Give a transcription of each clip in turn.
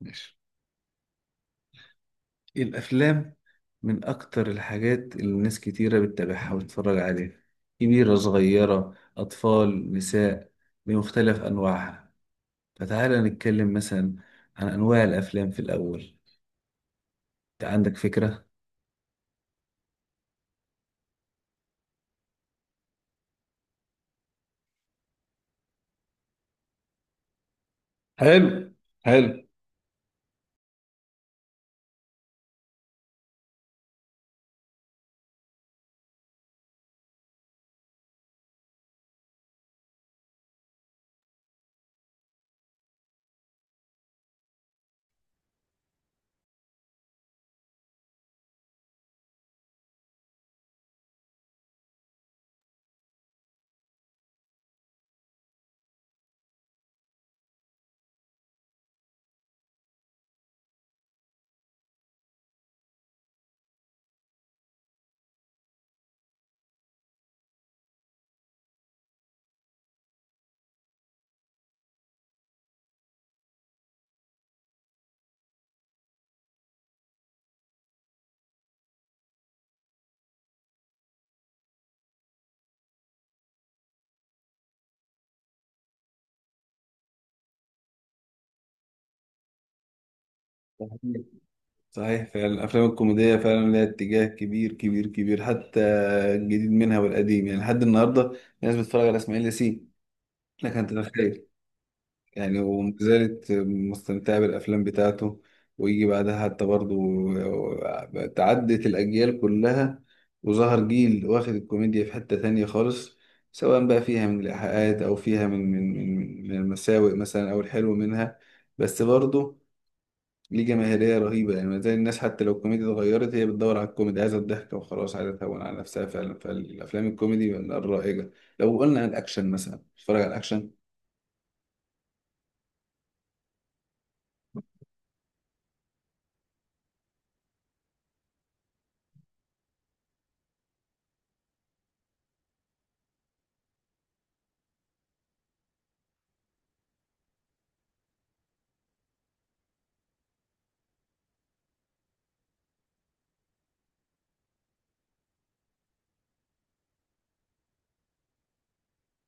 ماشي. إيه الأفلام؟ من أكتر الحاجات اللي ناس كتيرة بتتابعها وتتفرج عليها، كبيرة صغيرة أطفال نساء، بمختلف أنواعها. فتعالى نتكلم مثلا عن أنواع الأفلام في الأول. أنت عندك فكرة؟ حلو، حلو. صحيح، صحيح. فعلا الافلام الكوميديه فعلا لها اتجاه كبير كبير كبير، حتى الجديد منها والقديم، يعني لحد النهارده الناس بتتفرج على اسماعيل ياسين. لك انت تتخيل يعني، وما زالت مستمتعة بالأفلام بتاعته. ويجي بعدها حتى برضه، تعدت الأجيال كلها وظهر جيل واخد الكوميديا في حتة تانية خالص، سواء بقى فيها من الإيحاءات أو فيها من المساوئ مثلا أو الحلو منها. بس برضه ليه جماهيرية رهيبة، يعني ما زال الناس حتى لو الكوميديا اتغيرت هي بتدور على الكوميدي، عايزة الضحك وخلاص، عايزة تهون على نفسها فعلا. فالأفلام الكوميدي من الرائجة. لو قلنا عن الأكشن مثلا، بتتفرج على الأكشن؟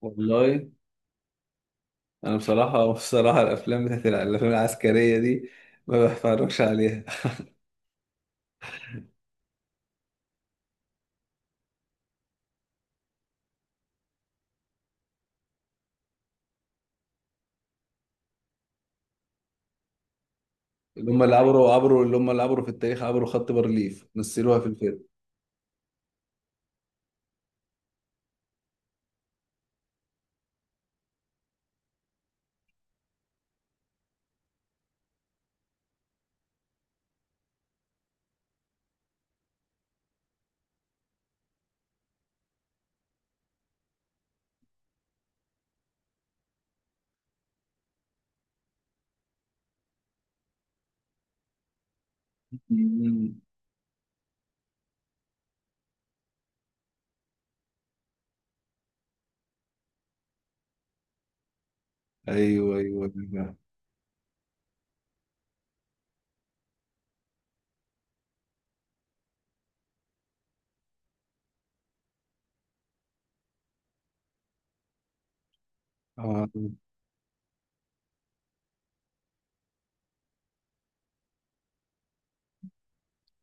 والله انا بصراحه، بصراحه الافلام بتاعت الافلام العسكريه دي ما بتفرجش عليها. اللي هم اللي عبروا، عبروا، اللي هم اللي عبروا في التاريخ، عبروا خط بارليف، مثلوها في الفيلم. مم. ايوه ايوه أيوة. آه.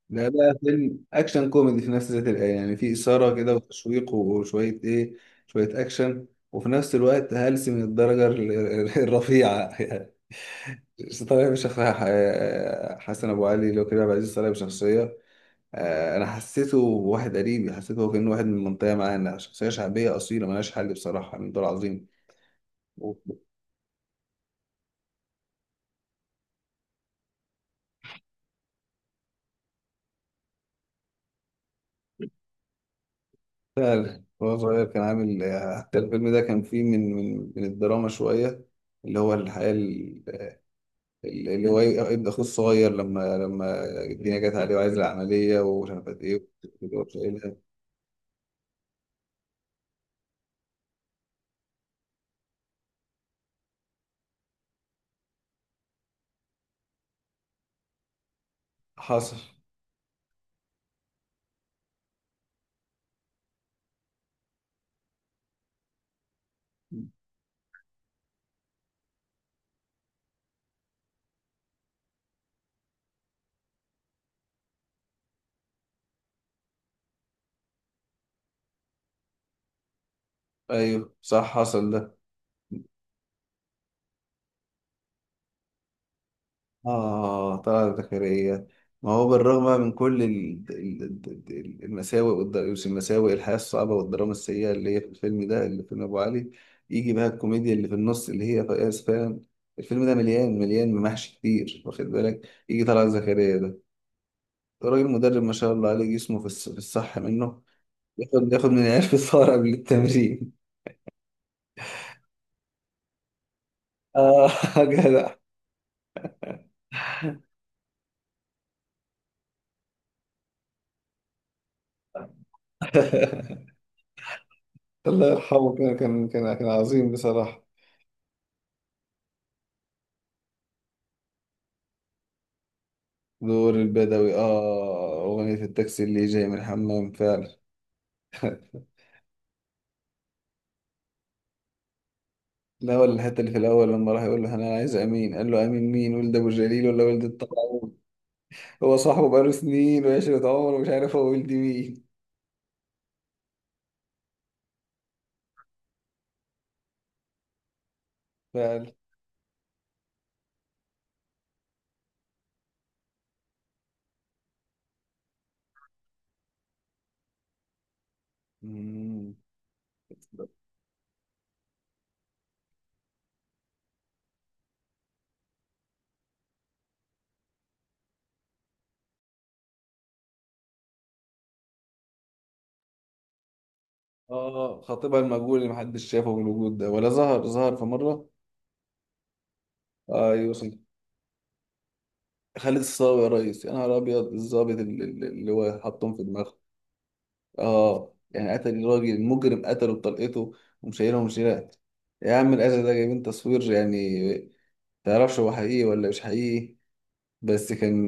لا، ده فيلم اكشن كوميدي في نفس ذات الآن، يعني في اثاره كده وتشويق وشويه ايه، شويه اكشن وفي نفس الوقت هلس من الدرجه الرفيعه يعني. طالع بشخصية حسن أبو علي، اللي هو كريم عبد العزيز، طالع بشخصية آه، انا حسيته واحد قريبي، حسيته هو كأنه واحد من المنطقه معانا، شخصيه شعبيه اصيله ملهاش حل بصراحه، من دور عظيم. وهو صغير كان عامل آه، حتى الفيلم ده كان فيه من الدراما شويه، اللي هو الحياه اللي هو ابن اخوه الصغير، لما لما الدنيا جت عليه وعايز العمليه ومش عارف قد ايه. وشايلها. حصل. ايوه صح، حصل ده. آه، طلعت زكريا. ما هو بالرغم من كل المساوئ المساوئ الحياة الصعبة والدراما السيئة اللي هي في الفيلم ده، اللي في فيلم أبو علي، يجي بقى الكوميديا اللي في النص اللي هي فقاس فعلا. الفيلم ده مليان مليان ممحش كتير، واخد بالك، يجي طلعت زكريا ده، ده راجل مدرب ما شاء الله عليه، جسمه في في الصح منه. ياخد ياخد من العيال في الفار قبل التمرين. آه. جدع. الله يرحمه، كان كان عظيم بصراحة. دور البدوي، اه أغنية التاكسي اللي جاي من الحمام فعلا. لا، ولا الحتة اللي في الأول لما راح يقول له أنا عايز أمين، قال له أمين مين؟ ولد أبو جليل ولا ولد الطاعون؟ هو صاحبه بقاله سنين وعشرة عمر ومش عارف هو ولد مين. فعلا. مم. اه، خطيبها المجهول اللي محدش شافه بالوجود ده، ولا ظهر، ظهر في مرة. ايوه. خالد الصاوي، يا ريس يا نهار أبيض. الظابط اللي هو حطهم في دماغه، اه يعني قتل الراجل المجرم، قتله بطلقته ومشيله ومشيلات. يا عم الأذى ده جايبين تصوير يعني، متعرفش هو حقيقي ولا مش حقيقي. بس كان،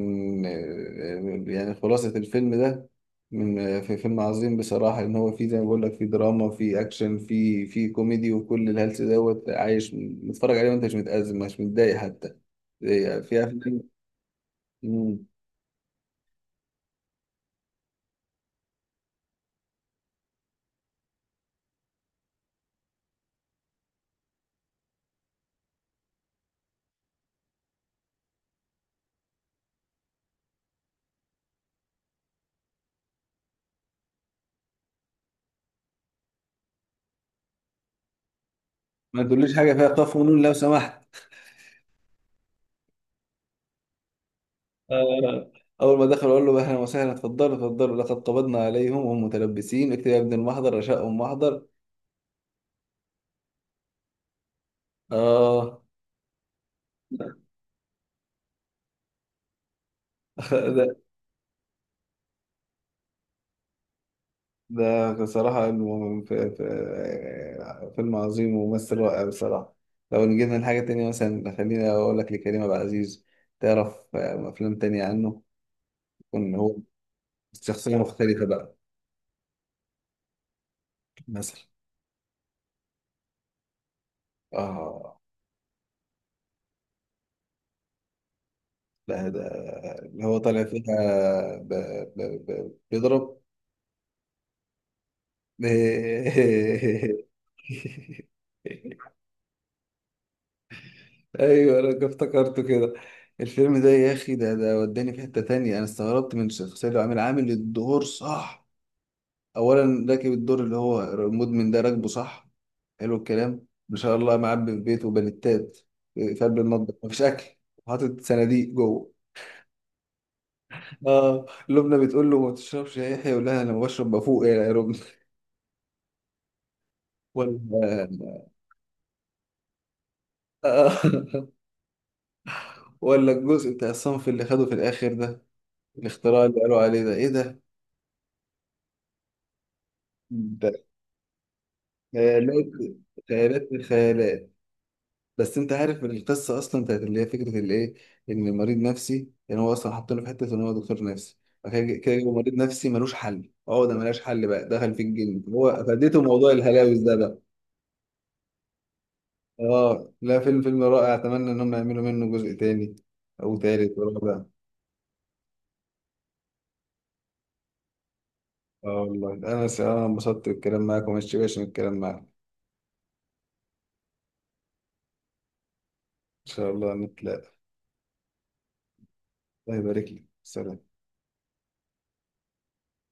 يعني خلاصة الفيلم ده، من في فيلم عظيم بصراحة، إن هو فيه زي ما بقول لك، فيه دراما فيه أكشن فيه فيه كوميدي، وكل الهلس دوت عايش متفرج عليه وأنت مش متأزم مش متضايق حتى زي- في أفلام. مم. ما تقوليش حاجة فيها قاف ونون لو سمحت. آه، أول ما دخل أقول له أهلا وسهلا، اتفضلوا اتفضلوا، لقد قبضنا عليهم وهم متلبسين، اكتب يا ابن المحضر رشاء محضر. آه. ده ده بصراحة إنه فيلم عظيم وممثل رائع بصراحة. لو نجينا لحاجة تانية، مثلا خليني أقول لك لكريم عبد العزيز، تعرف آه، أفلام تانية عنه يكون هو شخصية مختلفة بقى؟ مثلا؟ آه. لا ده، اللي هو طالع فيها ب- بيضرب ايوه، انا افتكرته كده. الفيلم ده يا اخي، ده وداني في حته تانية. انا استغربت من الشخصيه اللي عامل عامل الدور صح، اولا راكب الدور اللي هو المدمن ده، راكبه صح. حلو الكلام ما شاء الله، معبي في بيته بلتات، في قلب المطبخ مفيش اكل، وحاطط صناديق جوه. اه لبنى بتقول له ما تشربش يا يحيى، يقول لها انا ما بشرب بفوق يعني يا لبنى. ولا. ولا الجزء بتاع الصنف اللي خده في الاخر ده، الاختراع اللي قالوا عليه ده ايه؟ ده خيالات، خيالات الخيالات. بس انت عارف القصه اصلا بتاعت اللي هي فكره الايه، ان مريض نفسي يعني هو اصلا حاطينه في حته ان هو دكتور نفسي، فكده كده جه مريض نفسي ملوش حل، اه ده ملهاش حل، بقى دخل في الجن هو، فديته موضوع الهلاوس ده بقى. اه، لا فيلم، فيلم رائع، اتمنى ان هم يعملوا منه جزء تاني او تالت ورابع. اه والله، انا انبسطت بالكلام معاك وما اشتبعش من الكلام معاك. ان شاء الله نتلاقى. الله يبارك لك، سلام.